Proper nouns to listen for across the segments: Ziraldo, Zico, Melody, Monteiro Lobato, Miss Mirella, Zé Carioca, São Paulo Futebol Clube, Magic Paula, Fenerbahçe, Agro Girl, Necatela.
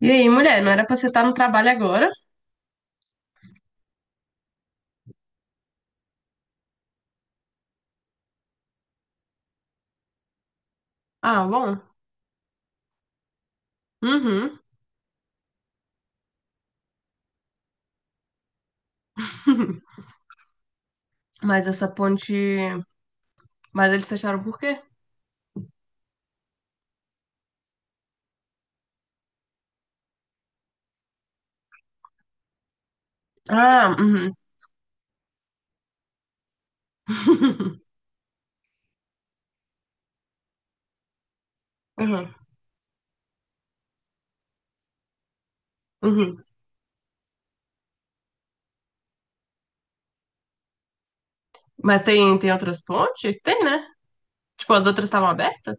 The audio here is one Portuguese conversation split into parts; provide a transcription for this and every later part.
E aí, mulher, não era pra você estar no trabalho agora? Ah, bom. Uhum. Mas essa ponte. Mas eles fecharam por quê? Ah, uhum. Uhum. Uhum. Mas tem outras pontes? Tem, né? Tipo, as outras estavam abertas?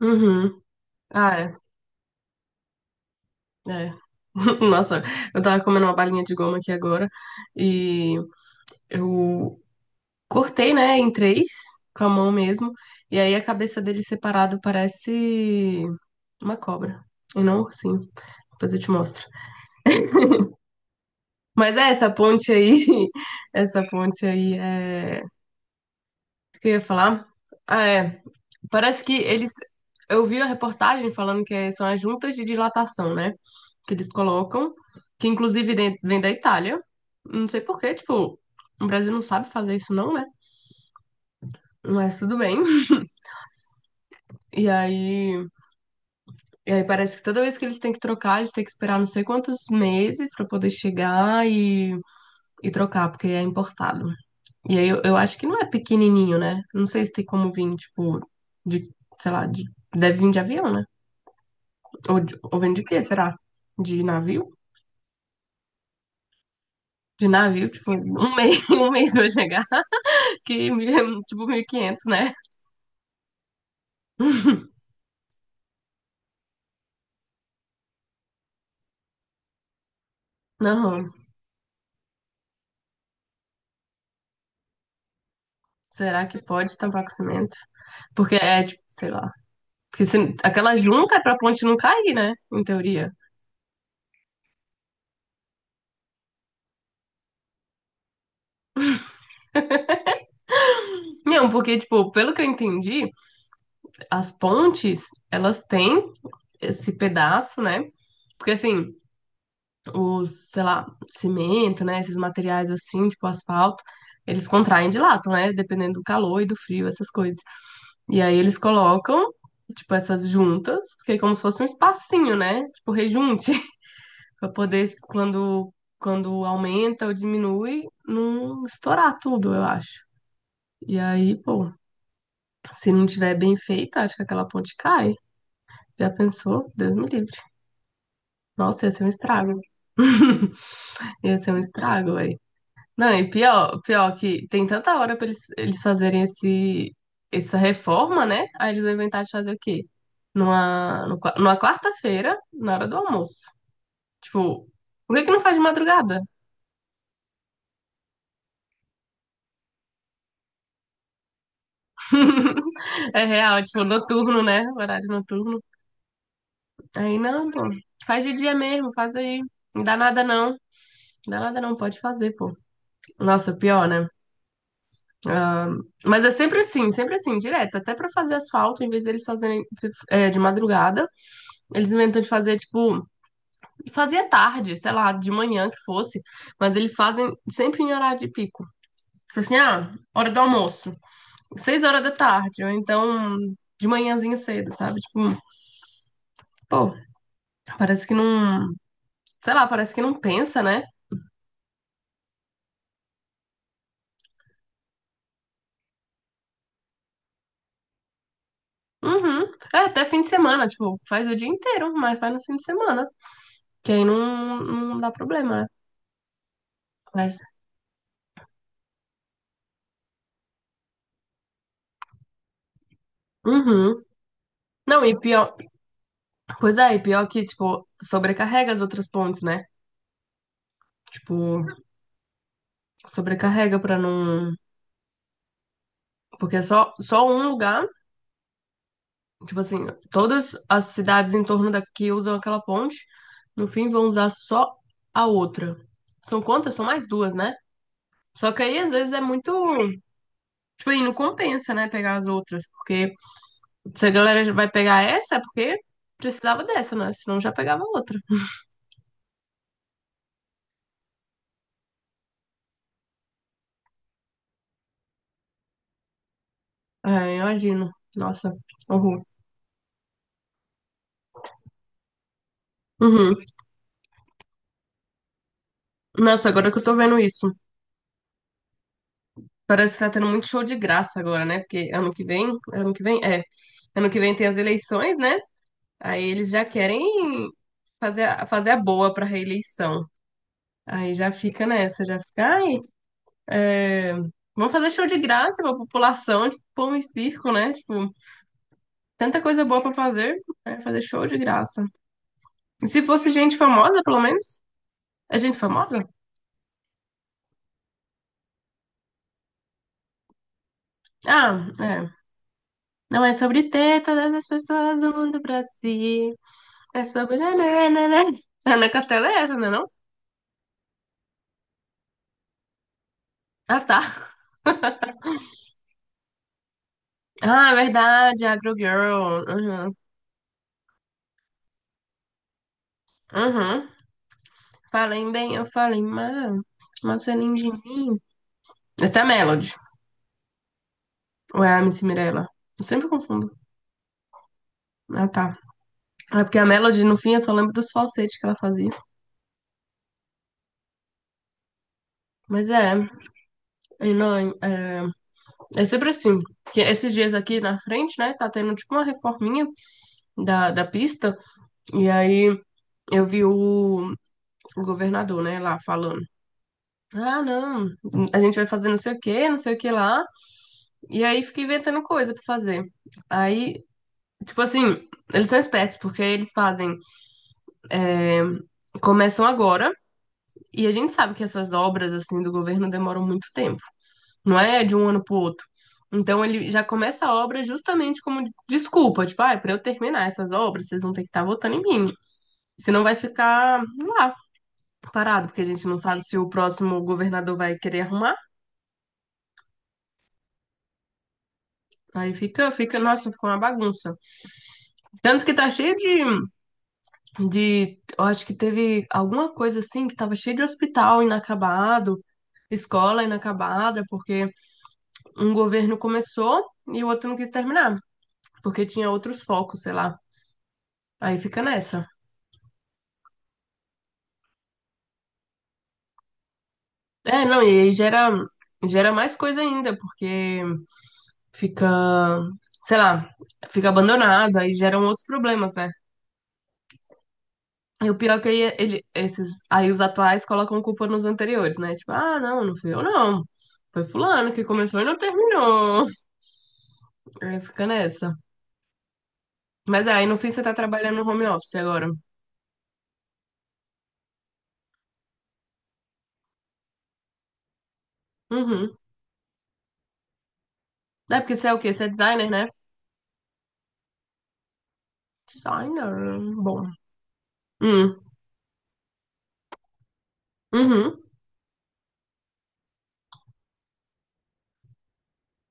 Uhum. Ah, é. É. Nossa, eu tava comendo uma balinha de goma aqui agora e eu cortei, né, em três, com a mão mesmo, e aí a cabeça dele separado parece uma cobra. E não, sim. Depois eu te mostro. Mas é, essa ponte aí, essa ponte aí é. O que eu ia falar? Ah, é. Parece que eles. Eu vi a reportagem falando que são as juntas de dilatação, né? Que eles colocam, que inclusive vem da Itália. Não sei por quê, tipo, o Brasil não sabe fazer isso, não, né? Mas tudo bem. E aí, e aí parece que toda vez que eles têm que trocar, eles têm que esperar não sei quantos meses pra poder chegar e trocar, porque é importado. E aí eu acho que não é pequenininho, né? Não sei se tem como vir, tipo, de, sei lá, de, deve vir de avião, né? Ou vem de quê, será? De navio? De navio, tipo, um mês, um mês vai chegar, que tipo mil e quinhentos, né? Não, será que pode tampar com cimento? Porque é, tipo, sei lá. Porque aquela junta é pra ponte não cair, né? Em teoria. Não, porque, tipo, pelo que eu entendi, as pontes, elas têm esse pedaço, né? Porque assim. Os, sei lá, cimento, né? Esses materiais assim, tipo asfalto, eles contraem e dilatam, né? Dependendo do calor e do frio, essas coisas. E aí eles colocam, tipo, essas juntas, que é como se fosse um espacinho, né? Tipo, rejunte, pra poder, quando aumenta ou diminui, não estourar tudo, eu acho. E aí, pô, se não tiver bem feita, acho que aquela ponte cai. Já pensou? Deus me livre. Nossa, ia ser um estrago. Ia ser um estrago, velho. Não, e pior, que tem tanta hora pra eles fazerem esse, essa reforma, né? Aí eles vão inventar de fazer o quê? Numa, no qua- numa quarta-feira, na hora do almoço. Tipo, por que que não faz de madrugada? É real, é tipo, noturno, né? Horário noturno. Aí não, pô. Faz de dia mesmo, faz aí. Não dá nada não. Não dá nada não, pode fazer, pô. Nossa, pior, né? Ah, mas é sempre assim, direto. Até pra fazer asfalto, em vez deles fazerem de madrugada. Eles inventam de fazer, tipo, fazia tarde, sei lá, de manhã que fosse, mas eles fazem sempre em horário de pico. Tipo assim, ah, hora do almoço, seis horas da tarde, ou então de manhãzinho cedo, sabe? Tipo, pô, parece que não, sei lá, parece que não pensa, né? Uhum. É, até fim de semana, tipo, faz o dia inteiro, mas faz no fim de semana, que aí não dá problema, né? Mas, uhum. Não, e pior, pois é, e pior que, tipo, sobrecarrega as outras pontes, né? Tipo, sobrecarrega pra não. Porque é só um lugar, tipo assim, todas as cidades em torno daqui usam aquela ponte, no fim vão usar só a outra. São quantas? São mais duas, né? Só que aí às vezes é muito. Tipo aí, não compensa, né? Pegar as outras. Porque se a galera vai pegar essa, é porque precisava dessa, né? Senão já pegava outra. É, imagino. Nossa, horror. Uhum. Nossa, agora que eu tô vendo isso. Parece que tá tendo muito show de graça agora, né? Porque ano que vem, é, ano que vem tem as eleições, né? Aí eles já querem fazer a boa pra reeleição. Aí já fica nessa, já fica, ai, é, vamos fazer show de graça pra população, tipo, pão e circo, né? Tipo, tanta coisa boa pra fazer, é fazer show de graça. E se fosse gente famosa, pelo menos? É gente famosa? Ah, é. Não é sobre teta das pessoas do mundo pra si. É sobre. Nananana. A Necatela é essa, não é não? Ah, tá. Ah, é verdade, Agro Girl. Uhum. Uhum. Falei bem, eu falei mal. Mas é lindo de mim. Essa é a Melody. Ou é a Miss Mirella? Eu sempre confundo. Ah, tá. É porque a Melody, no fim, eu só lembro dos falsetes que ela fazia. Mas é, e não, é, é sempre assim. Que esses dias aqui na frente, né, tá tendo tipo uma reforminha da pista. E aí eu vi o governador, né, lá falando. Ah, não, a gente vai fazer não sei o que, não sei o que lá. E aí fica inventando coisa pra fazer. Aí, tipo assim, eles são espertos, porque eles fazem. é, começam agora, e a gente sabe que essas obras, assim, do governo demoram muito tempo. Não é de um ano pro outro. Então ele já começa a obra justamente como desculpa, tipo, ah, para eu terminar essas obras, vocês vão ter que estar votando em mim. Senão vai ficar lá, parado, porque a gente não sabe se o próximo governador vai querer arrumar. Aí fica, nossa, fica uma bagunça. Tanto que tá cheio de. Eu acho que teve alguma coisa assim que tava cheio de hospital inacabado, escola inacabada, porque um governo começou e o outro não quis terminar, porque tinha outros focos, sei lá. Aí fica nessa. É, não, e aí gera mais coisa ainda, porque fica, sei lá, fica abandonado, aí geram outros problemas, né? E o pior é que aí os atuais colocam culpa nos anteriores, né? Tipo, ah, não, não fui eu, não. Foi fulano que começou e não terminou. Aí fica nessa. Mas é, aí, no fim, você tá trabalhando no home office agora. Uhum. É porque você é o quê? Você é designer, né? Designer. Bom. Hum. Uhum.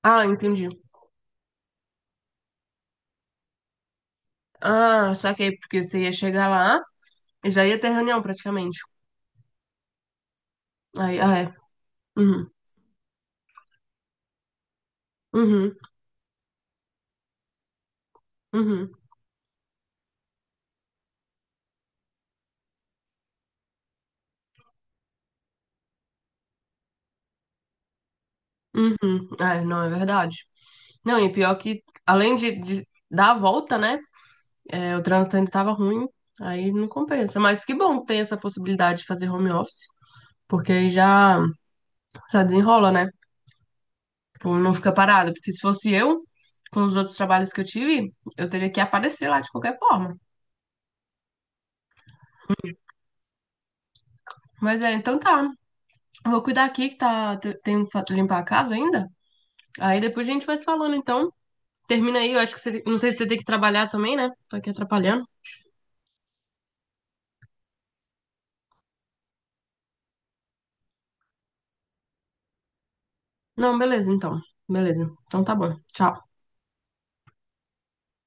Ah, entendi. Ah, saquei, porque você ia chegar lá e já ia ter reunião praticamente. Aí, ah, é. Uhum. Uhum. Uhum. Uhum. É, não, é verdade. Não, e pior que, além de dar a volta, né? É, o trânsito ainda tava ruim, aí não compensa. Mas que bom que tem essa possibilidade de fazer home office, porque aí já desenrola, né? Tipo, não fica parado. Porque se fosse eu, com os outros trabalhos que eu tive, eu teria que aparecer lá de qualquer forma. Mas é, então tá. Vou cuidar aqui que tá, tem que limpar a casa ainda. Aí depois a gente vai se falando, então. Termina aí, eu acho que você, não sei se você tem que trabalhar também, né? Tô aqui atrapalhando. Não, beleza, então. Beleza. Então tá bom. Tchau.